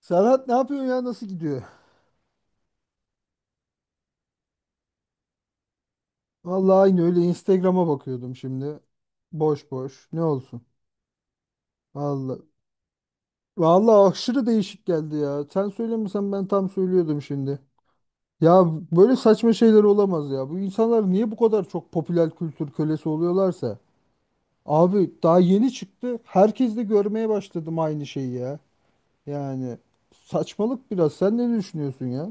Serhat ne yapıyorsun ya? Nasıl gidiyor? Vallahi aynı öyle Instagram'a bakıyordum şimdi. Boş boş. Ne olsun? Vallahi. Vallahi aşırı değişik geldi ya. Sen söylemesen ben tam söylüyordum şimdi. Ya böyle saçma şeyler olamaz ya. Bu insanlar niye bu kadar çok popüler kültür kölesi oluyorlarsa? Abi daha yeni çıktı. Herkes de görmeye başladım aynı şeyi ya. Yani saçmalık biraz. Sen ne düşünüyorsun ya?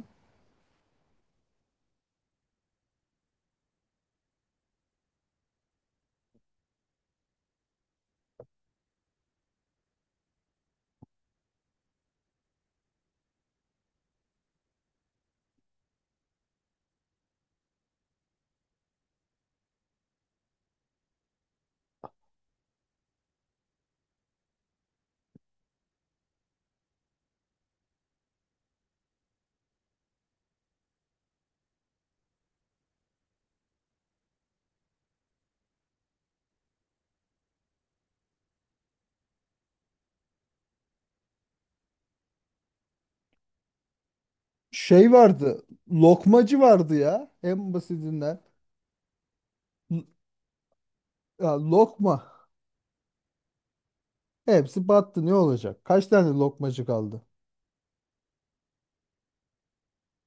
Şey vardı. Lokmacı vardı ya. En basitinden. Ya lokma. Hepsi battı ne olacak? Kaç tane lokmacı kaldı?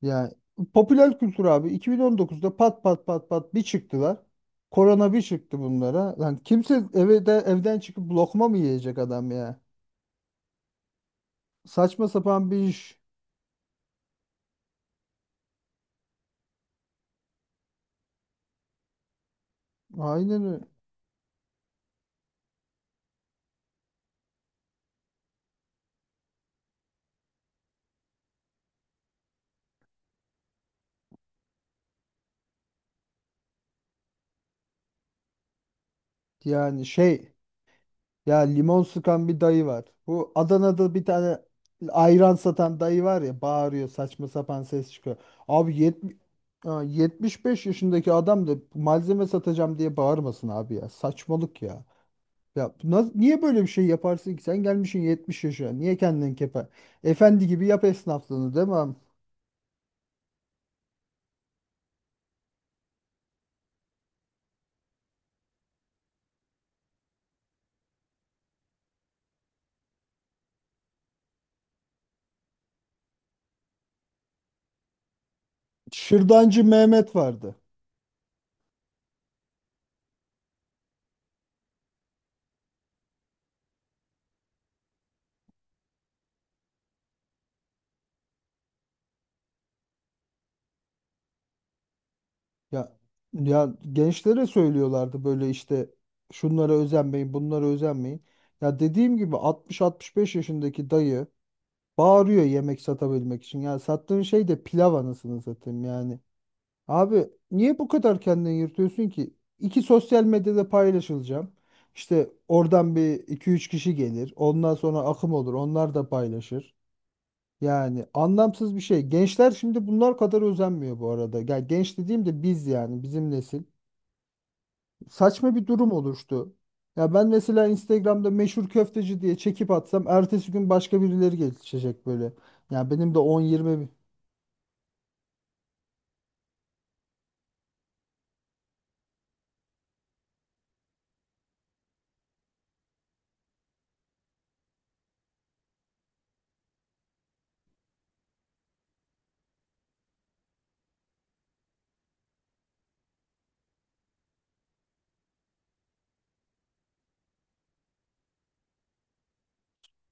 Yani popüler kültür abi 2019'da pat pat pat pat bir çıktılar. Korona bir çıktı bunlara. Lan kimse eve de, evden çıkıp lokma mı yiyecek adam ya? Saçma sapan bir iş. Aynen öyle. Yani şey, ya limon sıkan bir dayı var. Bu Adana'da bir tane ayran satan dayı var ya bağırıyor saçma sapan ses çıkıyor. Abi, ya 75 yaşındaki adam da malzeme satacağım diye bağırmasın abi ya. Saçmalık ya. Ya bu niye böyle bir şey yaparsın ki? Sen gelmişsin 70 yaşına. Niye kendini kepe? Efendi gibi yap esnaflığını, değil mi abi? Şırdancı Mehmet vardı. Ya ya gençlere söylüyorlardı böyle işte, şunlara özenmeyin, bunlara özenmeyin. Ya dediğim gibi 60-65 yaşındaki dayı bağırıyor yemek satabilmek için. Ya sattığın şey de pilav, anasını satayım yani. Abi niye bu kadar kendini yırtıyorsun ki? İki sosyal medyada paylaşılacağım. İşte oradan bir iki üç kişi gelir. Ondan sonra akım olur. Onlar da paylaşır. Yani anlamsız bir şey. Gençler şimdi bunlar kadar özenmiyor bu arada. Ya genç dediğim de biz, yani bizim nesil. Saçma bir durum oluştu. Ya ben mesela Instagram'da meşhur köfteci diye çekip atsam ertesi gün başka birileri geçecek böyle. Ya benim de on yirmi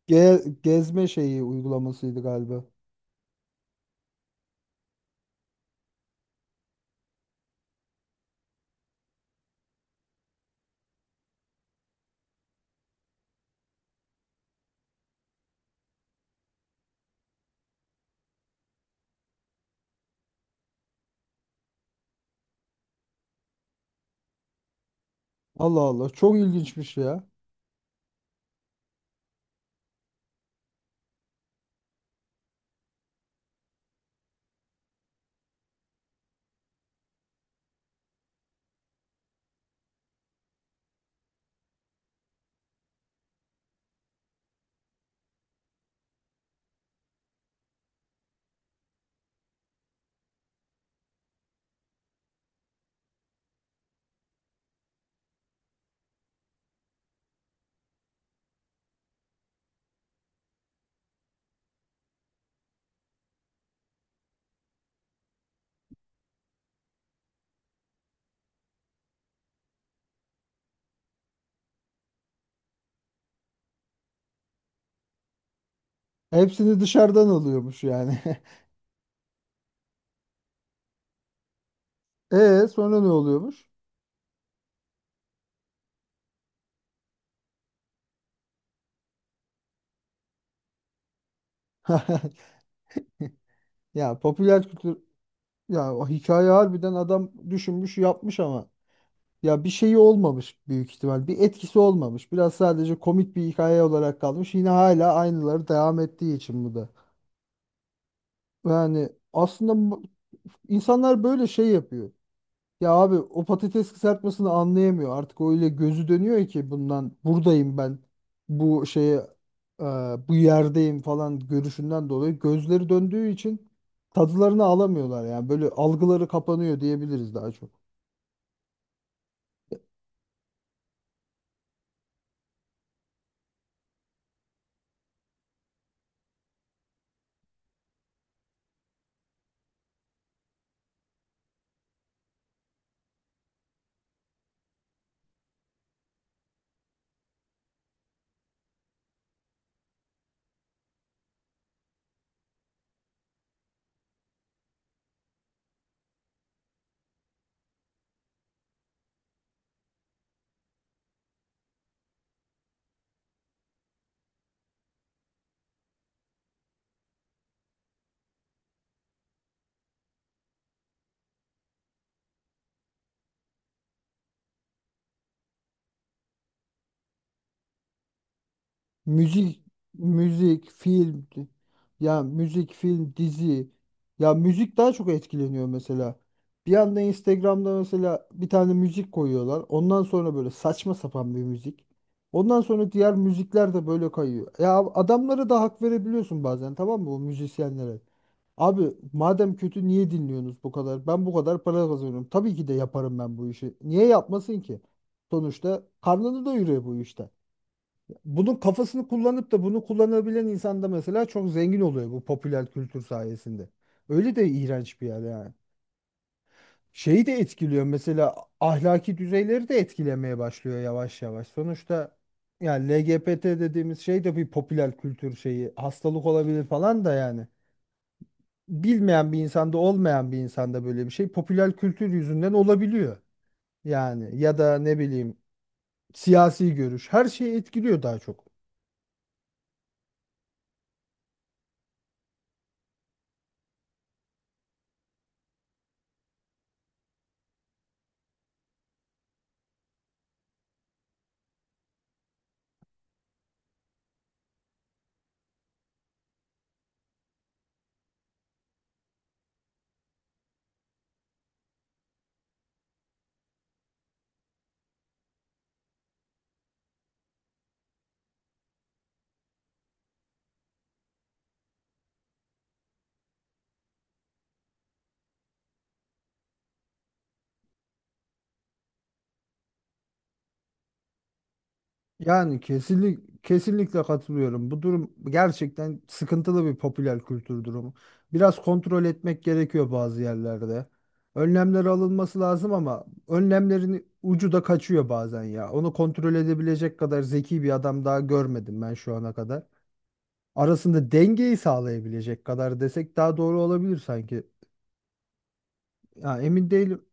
gezme şeyi uygulamasıydı galiba. Allah Allah çok ilginçmiş ya. Hepsini dışarıdan alıyormuş yani. E sonra ne oluyormuş? Ya popüler kültür, ya o hikaye harbiden adam düşünmüş yapmış ama ya bir şeyi olmamış büyük ihtimal. Bir etkisi olmamış. Biraz sadece komik bir hikaye olarak kalmış. Yine hala aynıları devam ettiği için bu da. Yani aslında insanlar böyle şey yapıyor. Ya abi o patates kızartmasını anlayamıyor. Artık öyle gözü dönüyor ki bundan buradayım ben, bu şeye, e, bu yerdeyim falan görüşünden dolayı gözleri döndüğü için tadılarını alamıyorlar, yani böyle algıları kapanıyor diyebiliriz daha çok. Müzik, müzik, film, di- ya müzik, film, dizi. Ya müzik daha çok etkileniyor mesela. Bir anda Instagram'da mesela bir tane müzik koyuyorlar. Ondan sonra böyle saçma sapan bir müzik. Ondan sonra diğer müzikler de böyle kayıyor. Ya adamlara da hak verebiliyorsun bazen, tamam mı, bu müzisyenlere? Abi madem kötü niye dinliyorsunuz bu kadar? Ben bu kadar para kazanıyorum. Tabii ki de yaparım ben bu işi. Niye yapmasın ki? Sonuçta karnını doyuruyor bu işte, bunun kafasını kullanıp da bunu kullanabilen insan da mesela çok zengin oluyor bu popüler kültür sayesinde. Öyle de iğrenç bir yer yani. Şeyi de etkiliyor mesela, ahlaki düzeyleri de etkilemeye başlıyor yavaş yavaş. Sonuçta yani LGBT dediğimiz şey de bir popüler kültür şeyi. Hastalık olabilir falan da yani. Bilmeyen bir insanda, olmayan bir insanda böyle bir şey popüler kültür yüzünden olabiliyor. Yani ya da ne bileyim, siyasi görüş her şeyi etkiliyor daha çok. Yani kesinlikle katılıyorum. Bu durum gerçekten sıkıntılı bir popüler kültür durumu. Biraz kontrol etmek gerekiyor bazı yerlerde. Önlemler alınması lazım ama önlemlerin ucu da kaçıyor bazen ya. Onu kontrol edebilecek kadar zeki bir adam daha görmedim ben şu ana kadar. Arasında dengeyi sağlayabilecek kadar desek daha doğru olabilir sanki. Ya emin değilim.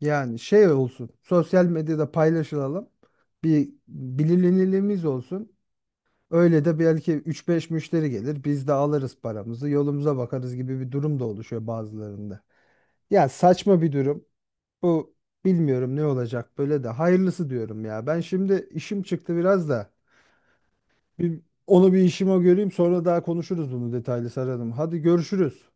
Yani şey olsun. Sosyal medyada paylaşılalım. Bir bilinirliğimiz olsun. Öyle de belki 3-5 müşteri gelir. Biz de alırız paramızı, yolumuza bakarız gibi bir durum da oluşuyor bazılarında. Ya saçma bir durum. Bu, bilmiyorum ne olacak, böyle de hayırlısı diyorum ya. Ben şimdi işim çıktı biraz da. Bir, onu bir işime göreyim sonra daha konuşuruz, bunu detaylı saralım. Hadi görüşürüz.